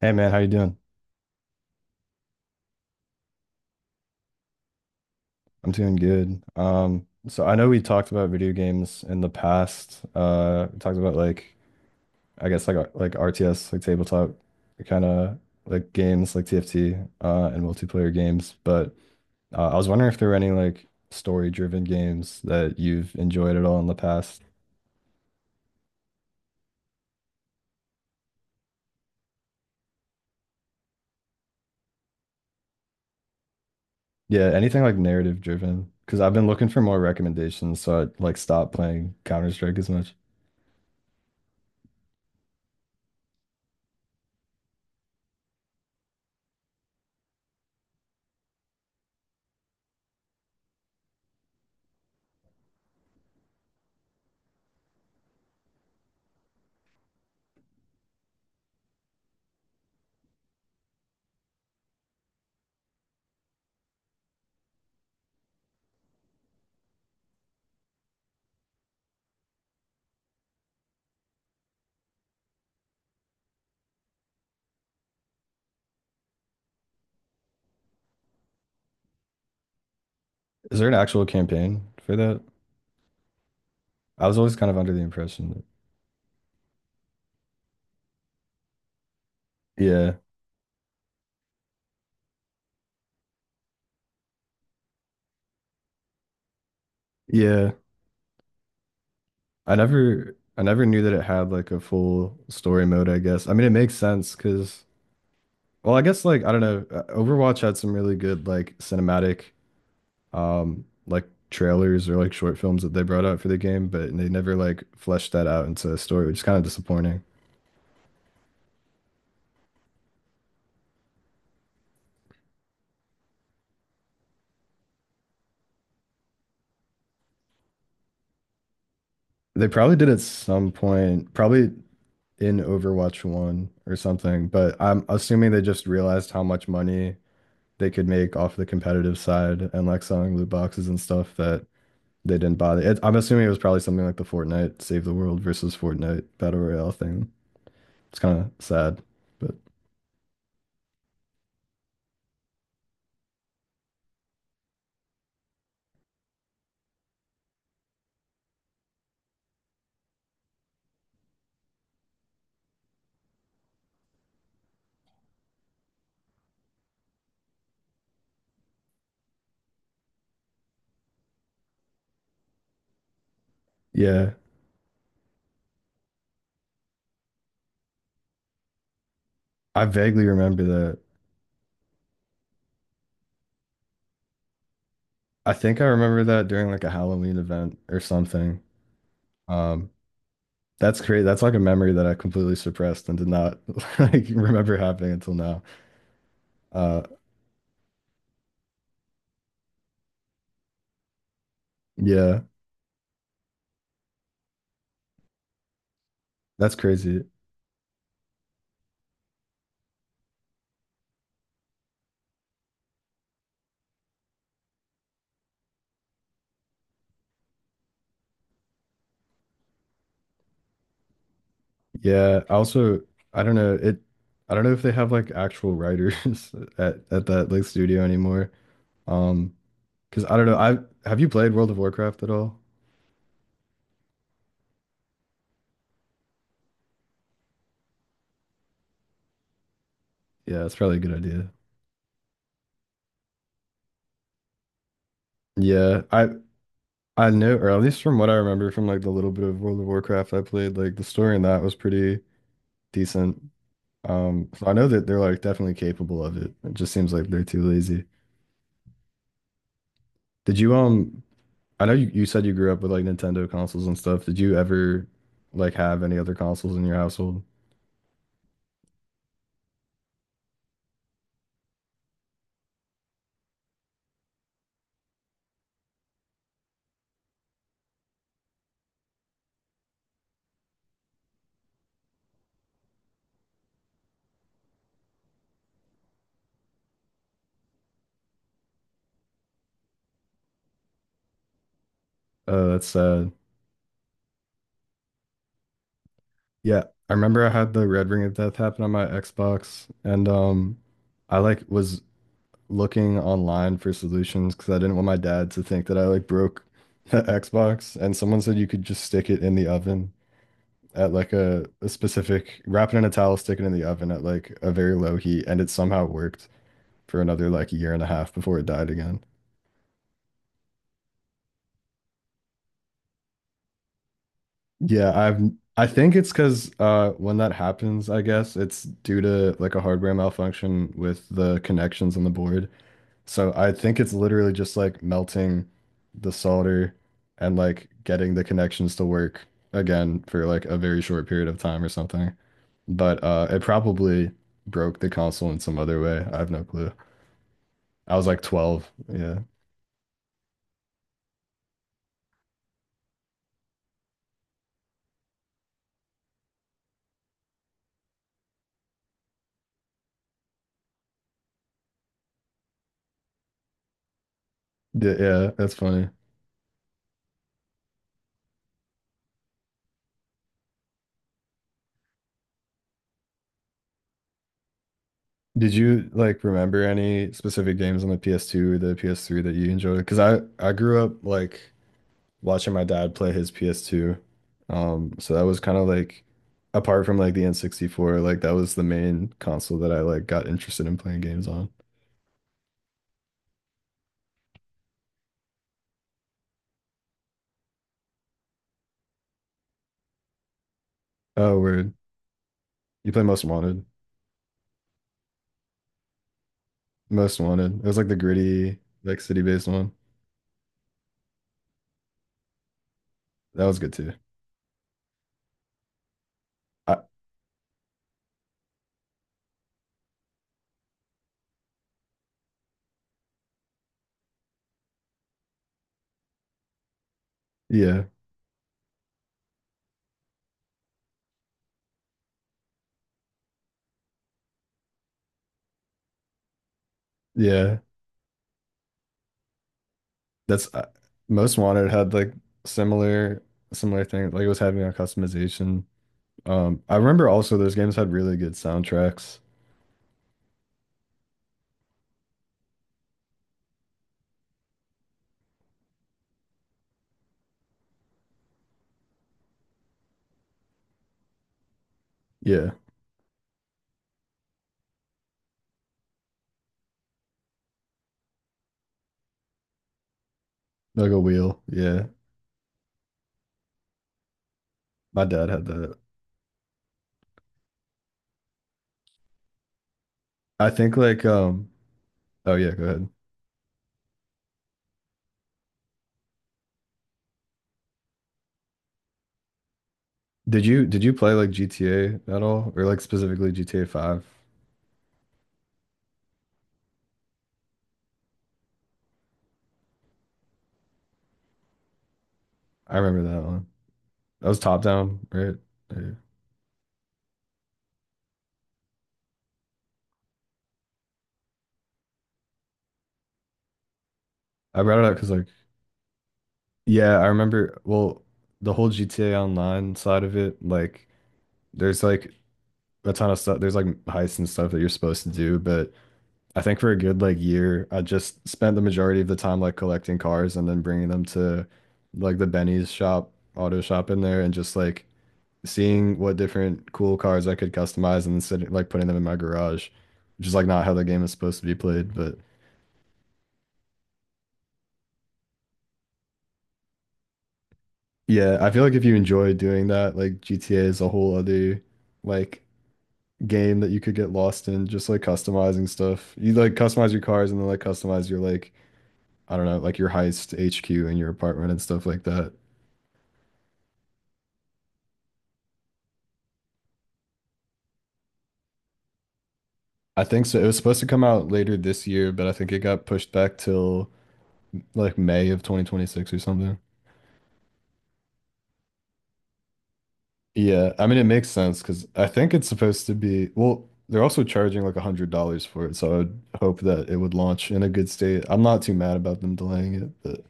Hey man, how you doing? I'm doing good. So I know we talked about video games in the past. We talked about like RTS, like tabletop kind of like games like TFT and multiplayer games. But I was wondering if there were any like story-driven games that you've enjoyed at all in the past. Yeah, anything like narrative driven. Because I've been looking for more recommendations, so I like stopped playing Counter-Strike as much. Is there an actual campaign for that? I was always kind of under the impression that, yeah. Yeah, I never knew that it had like a full story mode, I guess. I mean, it makes sense because, well, I guess like I don't know, Overwatch had some really good like cinematic like trailers or like short films that they brought out for the game, but they never like fleshed that out into a story, which is kind of disappointing. They probably did at some point, probably in Overwatch 1 or something, but I'm assuming they just realized how much money they could make off the competitive side and like selling loot boxes and stuff that they didn't bother. It, I'm assuming it was probably something like the Fortnite Save the World versus Fortnite Battle Royale thing. It's kind of sad, but yeah, I vaguely remember that. I think I remember that during like a Halloween event or something. Um, that's great. That's like a memory that I completely suppressed and did not like remember happening until now. Uh, yeah, that's crazy. Yeah, I also I don't know it. I don't know if they have like actual writers at that like studio anymore. Um, Because I don't know, I have you played World of Warcraft at all? Yeah, it's probably a good idea. Yeah, I know, or at least from what I remember from like the little bit of World of Warcraft I played, like the story in that was pretty decent. So I know that they're like definitely capable of it. It just seems like they're too lazy. Did you um? I know you said you grew up with like Nintendo consoles and stuff. Did you ever like have any other consoles in your household? That's sad. Yeah, I remember I had the Red Ring of Death happen on my Xbox, and I was looking online for solutions because I didn't want my dad to think that I like broke the Xbox. And someone said you could just stick it in the oven at like a specific, wrap it in a towel, stick it in the oven at like a very low heat, and it somehow worked for another like year and a half before it died again. Yeah, I think it's because when that happens, I guess it's due to like a hardware malfunction with the connections on the board. So I think it's literally just like melting the solder and like getting the connections to work again for like a very short period of time or something. But it probably broke the console in some other way. I have no clue. I was like 12. Yeah. Yeah, that's funny. Did you like remember any specific games on the PS2 or the PS3 that you enjoyed? Because I grew up like watching my dad play his PS2. So that was kind of like apart from like the N64, like that was the main console that I like got interested in playing games on. Oh, word. You play Most Wanted. Most Wanted. It was like the gritty, like city-based one. That was good too. I, yeah. Yeah. That's Most Wanted had like similar similar thing. Like it was having a customization. I remember also those games had really good soundtracks. Yeah. Like a wheel. Yeah. My dad had that. I think like um oh yeah, go ahead. Did you play like GTA at all or like specifically GTA 5? I remember that one. That was top down, right? Yeah. I brought it up because like yeah, I remember well the whole GTA Online side of it, like there's like a ton of stuff. There's like heists and stuff that you're supposed to do, but I think for a good like year, I just spent the majority of the time like collecting cars and then bringing them to like the Benny's shop, auto shop in there and just like seeing what different cool cars I could customize and sitting, like putting them in my garage, which is like not how the game is supposed to be played. But yeah, I feel like if you enjoy doing that, like GTA is a whole other like game that you could get lost in, just like customizing stuff. You like customize your cars and then like customize your like I don't know, like your heist HQ in your apartment and stuff like that. I think so. It was supposed to come out later this year, but I think it got pushed back till like May of 2026 or something. Yeah, I mean it makes sense because I think it's supposed to be well, they're also charging like $100 for it, so I would hope that it would launch in a good state. I'm not too mad about them delaying it, but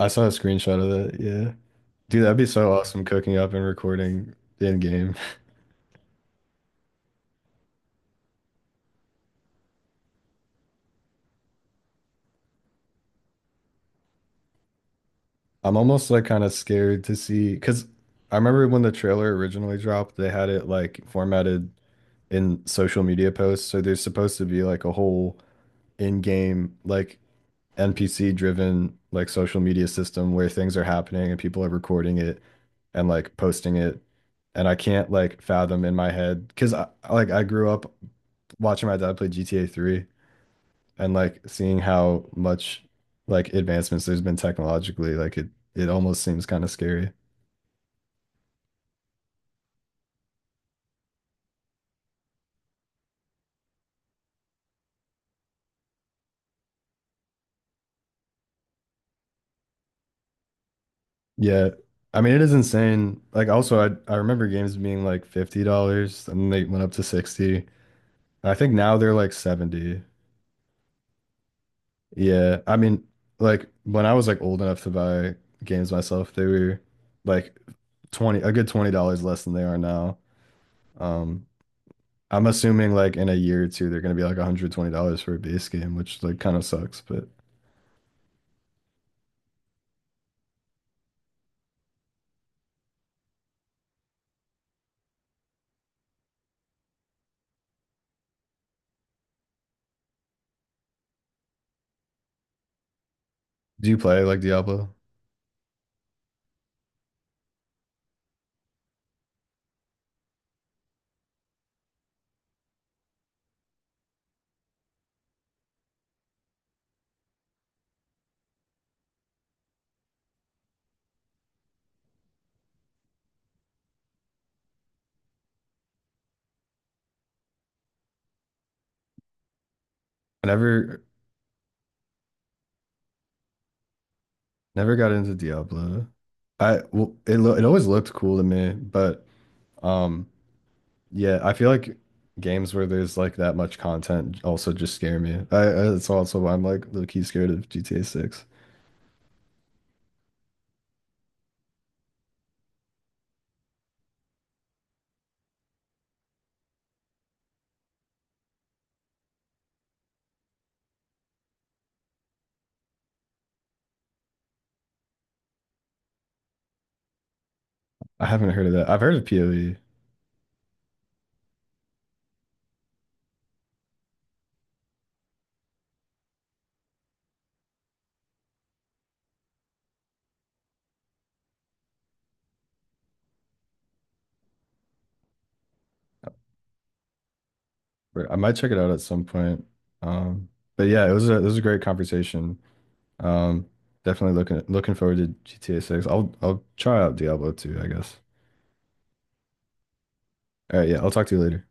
I saw a screenshot of that. Yeah. Dude, that'd be so awesome cooking up and recording in game. I'm almost like kind of scared to see because I remember when the trailer originally dropped, they had it like formatted in social media posts. So there's supposed to be like a whole in-game like NPC driven like social media system where things are happening and people are recording it and like posting it. And I can't like fathom in my head because I grew up watching my dad play GTA 3 and like seeing how much like advancements there's been technologically, like it almost seems kind of scary. Yeah. I mean, it is insane. Like, also, I remember games being like $50 and they went up to 60. And I think now they're like 70. Yeah, I mean, like when I was like old enough to buy games myself, they were like 20 a good $20 less than they are now. Um, I'm assuming like in a year or two they're gonna be like $120 for a base game, which like kind of sucks, but do you play like Diablo? I never never got into Diablo. I well, it lo it always looked cool to me, but um yeah, I feel like games where there's like that much content also just scare me. I that's also why I'm like low key scared of GTA 6. I haven't heard of that. I've heard of POE. But I might check it out at some point. Um, but yeah, it was a great conversation. Um, definitely looking forward to GTA 6. I'll try out Diablo 2, I guess. All right, yeah, I'll talk to you later.